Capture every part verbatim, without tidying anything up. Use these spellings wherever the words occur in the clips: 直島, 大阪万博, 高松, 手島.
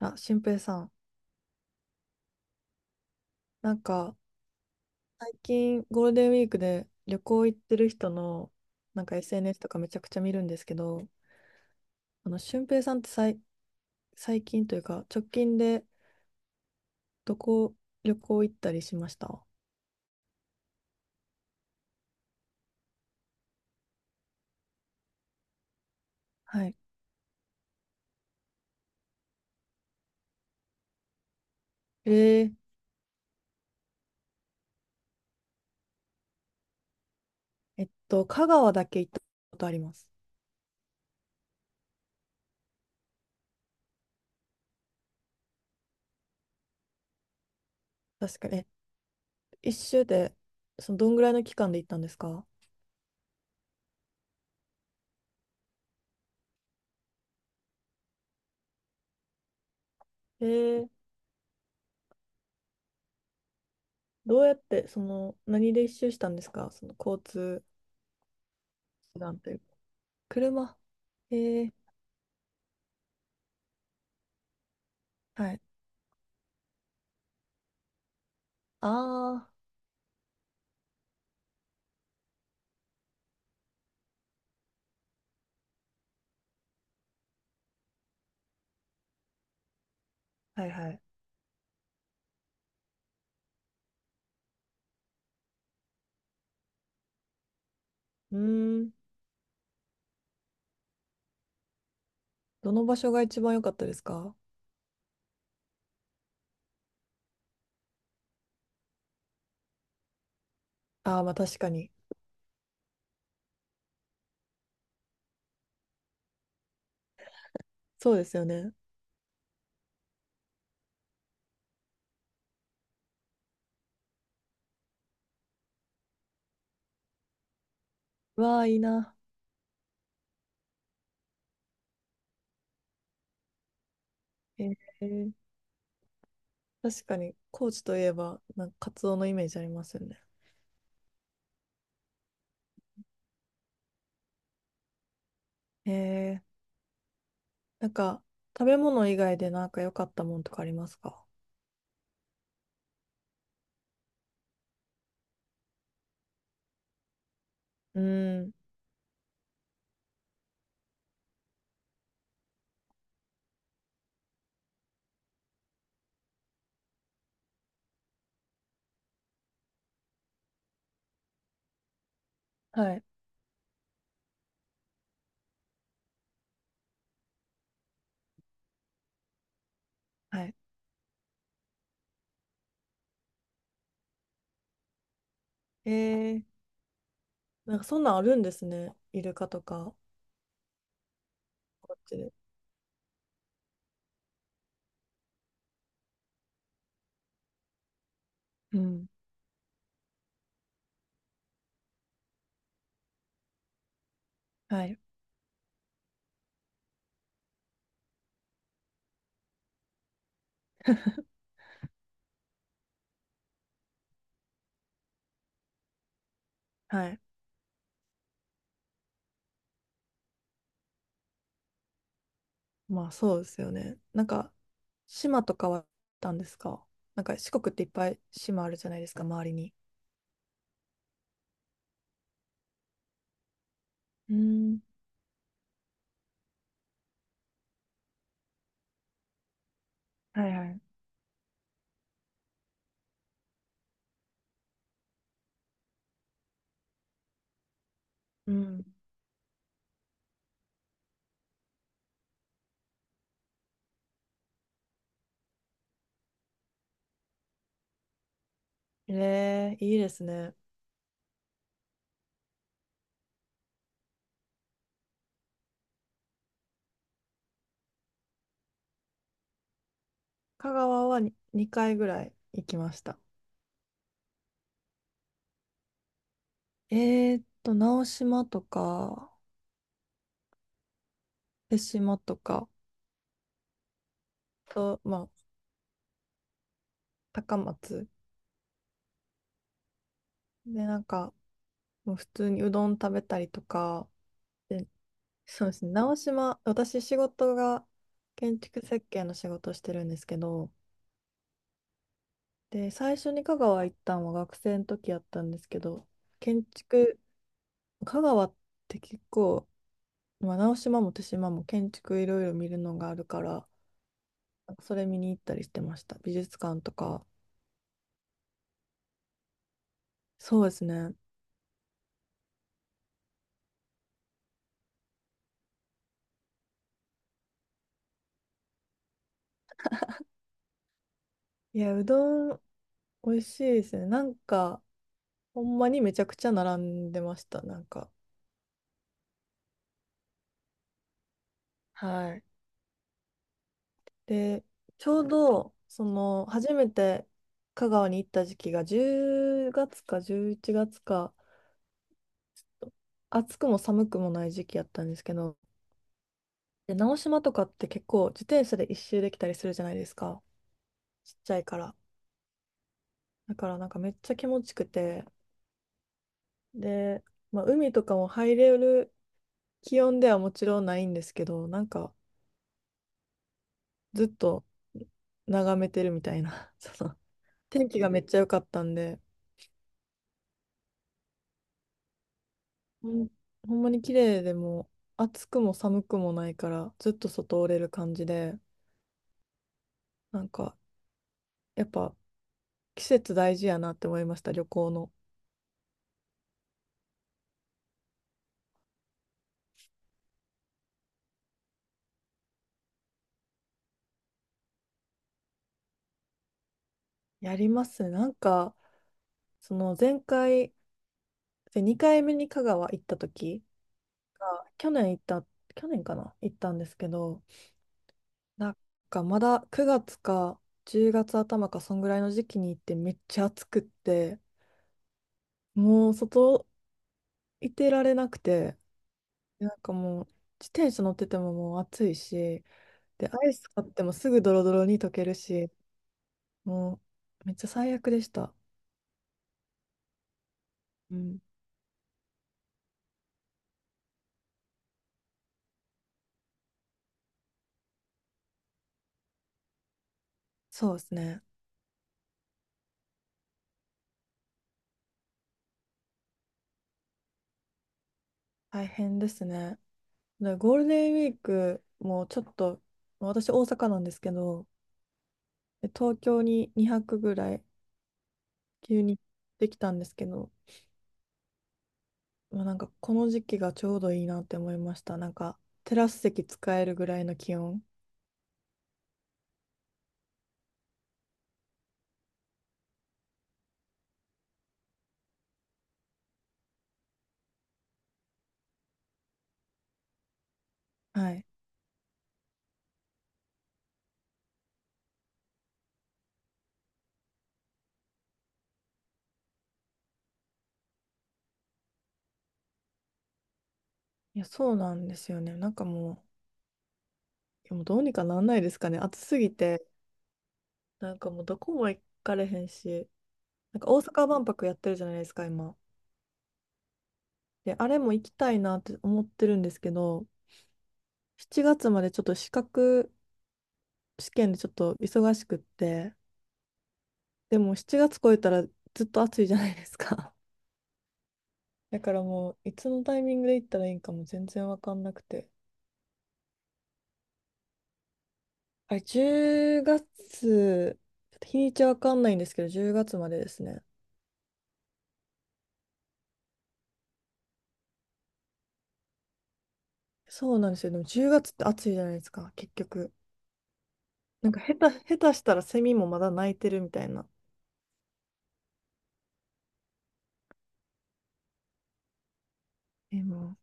あ、俊平さん、なんか最近ゴールデンウィークで旅行行ってる人のなんか エスエヌエス とかめちゃくちゃ見るんですけど、あの俊平さんってさい最近というか直近でどこ旅行行ったりしました？はい。えー、えっと、香川だけ行ったことあります。確かに。え、一周で、その、どんぐらいの期間で行ったんですか？えー、どうやって、その、何で一周したんですか？その交通手段というか。車。えー、はい。ああ。はいはい。うーん。どの場所が一番良かったですか？ああー、まあ確かに。そうですよね。わあ、いいな。えー、確かに、高知といえば、なんかカツオのイメージありますよね。えー、なんか、食べ物以外でなんか良かったもんとかありますか？うーん。はい。はい。えー、なんかそんなんあるんですね。イルカとか、こっちで。うん。はい。はい。まあそうですよね。なんか、島とかはあったんですか？なんか四国っていっぱい島あるじゃないですか、周りに。うん。はいはい。うん。えー、いいですね。香川はににかいぐらい行きました。えーっと、直島とか、手島とか、と、まあ、高松。で、なんか、もう普通にうどん食べたりとか、で、そうですね、直島、私仕事が建築設計の仕事をしてるんですけど、で、最初に香川行ったのは学生の時やったんですけど、建築、香川って結構、まあ、直島も手島も建築いろいろ見るのがあるから、なんかそれ見に行ったりしてました。美術館とか。そうですね。いや、うどん美味しいですね。なんか、ほんまにめちゃくちゃ並んでました。なんか。はい。で、ちょうど、その、初めて香川に行った時期がじゅうがつかじゅういちがつか、暑くも寒くもない時期やったんですけど、で、直島とかって結構自転車で一周できたりするじゃないですか。ちっちゃいから。だからなんかめっちゃ気持ちくて、で、まあ、海とかも入れる気温ではもちろんないんですけど、なんかずっと眺めてるみたいな、その天気がめっちゃ良かったんで、ほん、ほんまに綺麗で、もう暑くも寒くもないからずっと外おれる感じで、なんかやっぱ季節大事やなって思いました、旅行の。やりますなんか、その前回、にかいめに香川行った時が、去年行った、去年かな行ったんですけど、なんかまだくがつかじゅうがつ頭かそんぐらいの時期に行ってめっちゃ暑くって、もう外いてられなくて、なんかもう自転車乗っててももう暑いし、で、アイス買ってもすぐドロドロに溶けるし、もうめっちゃ最悪でした。うん、そうですね。大変ですね。でゴールデンウィークもちょっと、まあ私大阪なんですけど、で東京ににはくぐらい急にできたんですけど、まあ、なんかこの時期がちょうどいいなって思いました。なんかテラス席使えるぐらいの気温。はい。いや、そうなんですよね。なんかもう、いやもうどうにかなんないですかね。暑すぎて、なんかもうどこも行かれへんし、なんか大阪万博やってるじゃないですか、今。で、あれも行きたいなって思ってるんですけど、しちがつまでちょっと資格試験でちょっと忙しくって、でもしちがつ超えたらずっと暑いじゃないですか。だからもう、いつのタイミングで行ったらいいんかも全然わかんなくて。あれ、じゅうがつ、ちょっと日にちわかんないんですけど、じゅうがつまでですね。そうなんですよ。でもじゅうがつって暑いじゃないですか、結局。なんか下手、下手したらセミもまだ鳴いてるみたいな。え、もう、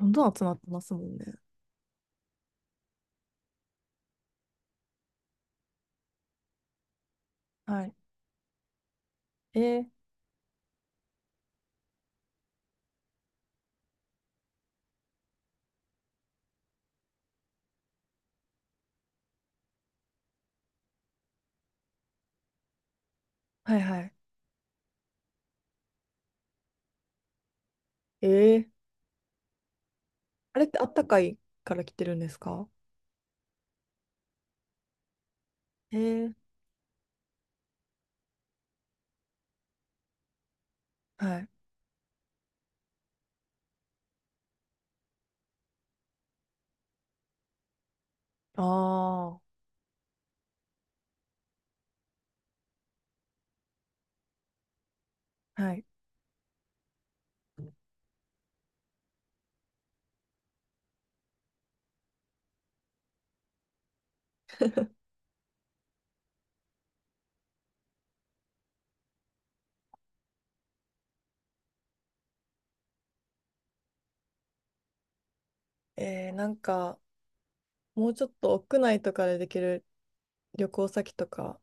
どんどん集まってますもんね。はい。えー、はいはい。えー、あれってあったかいから来てるんですか？えー、はい。ああ、はい。えー、なんか、もうちょっと屋内とかでできる旅行先とか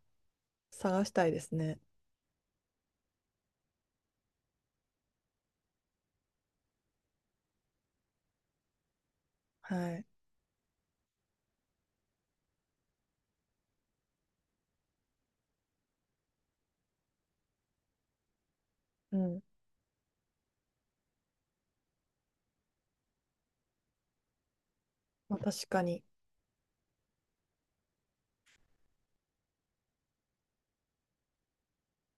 探したいですね。はい。うん。まあ、確かに。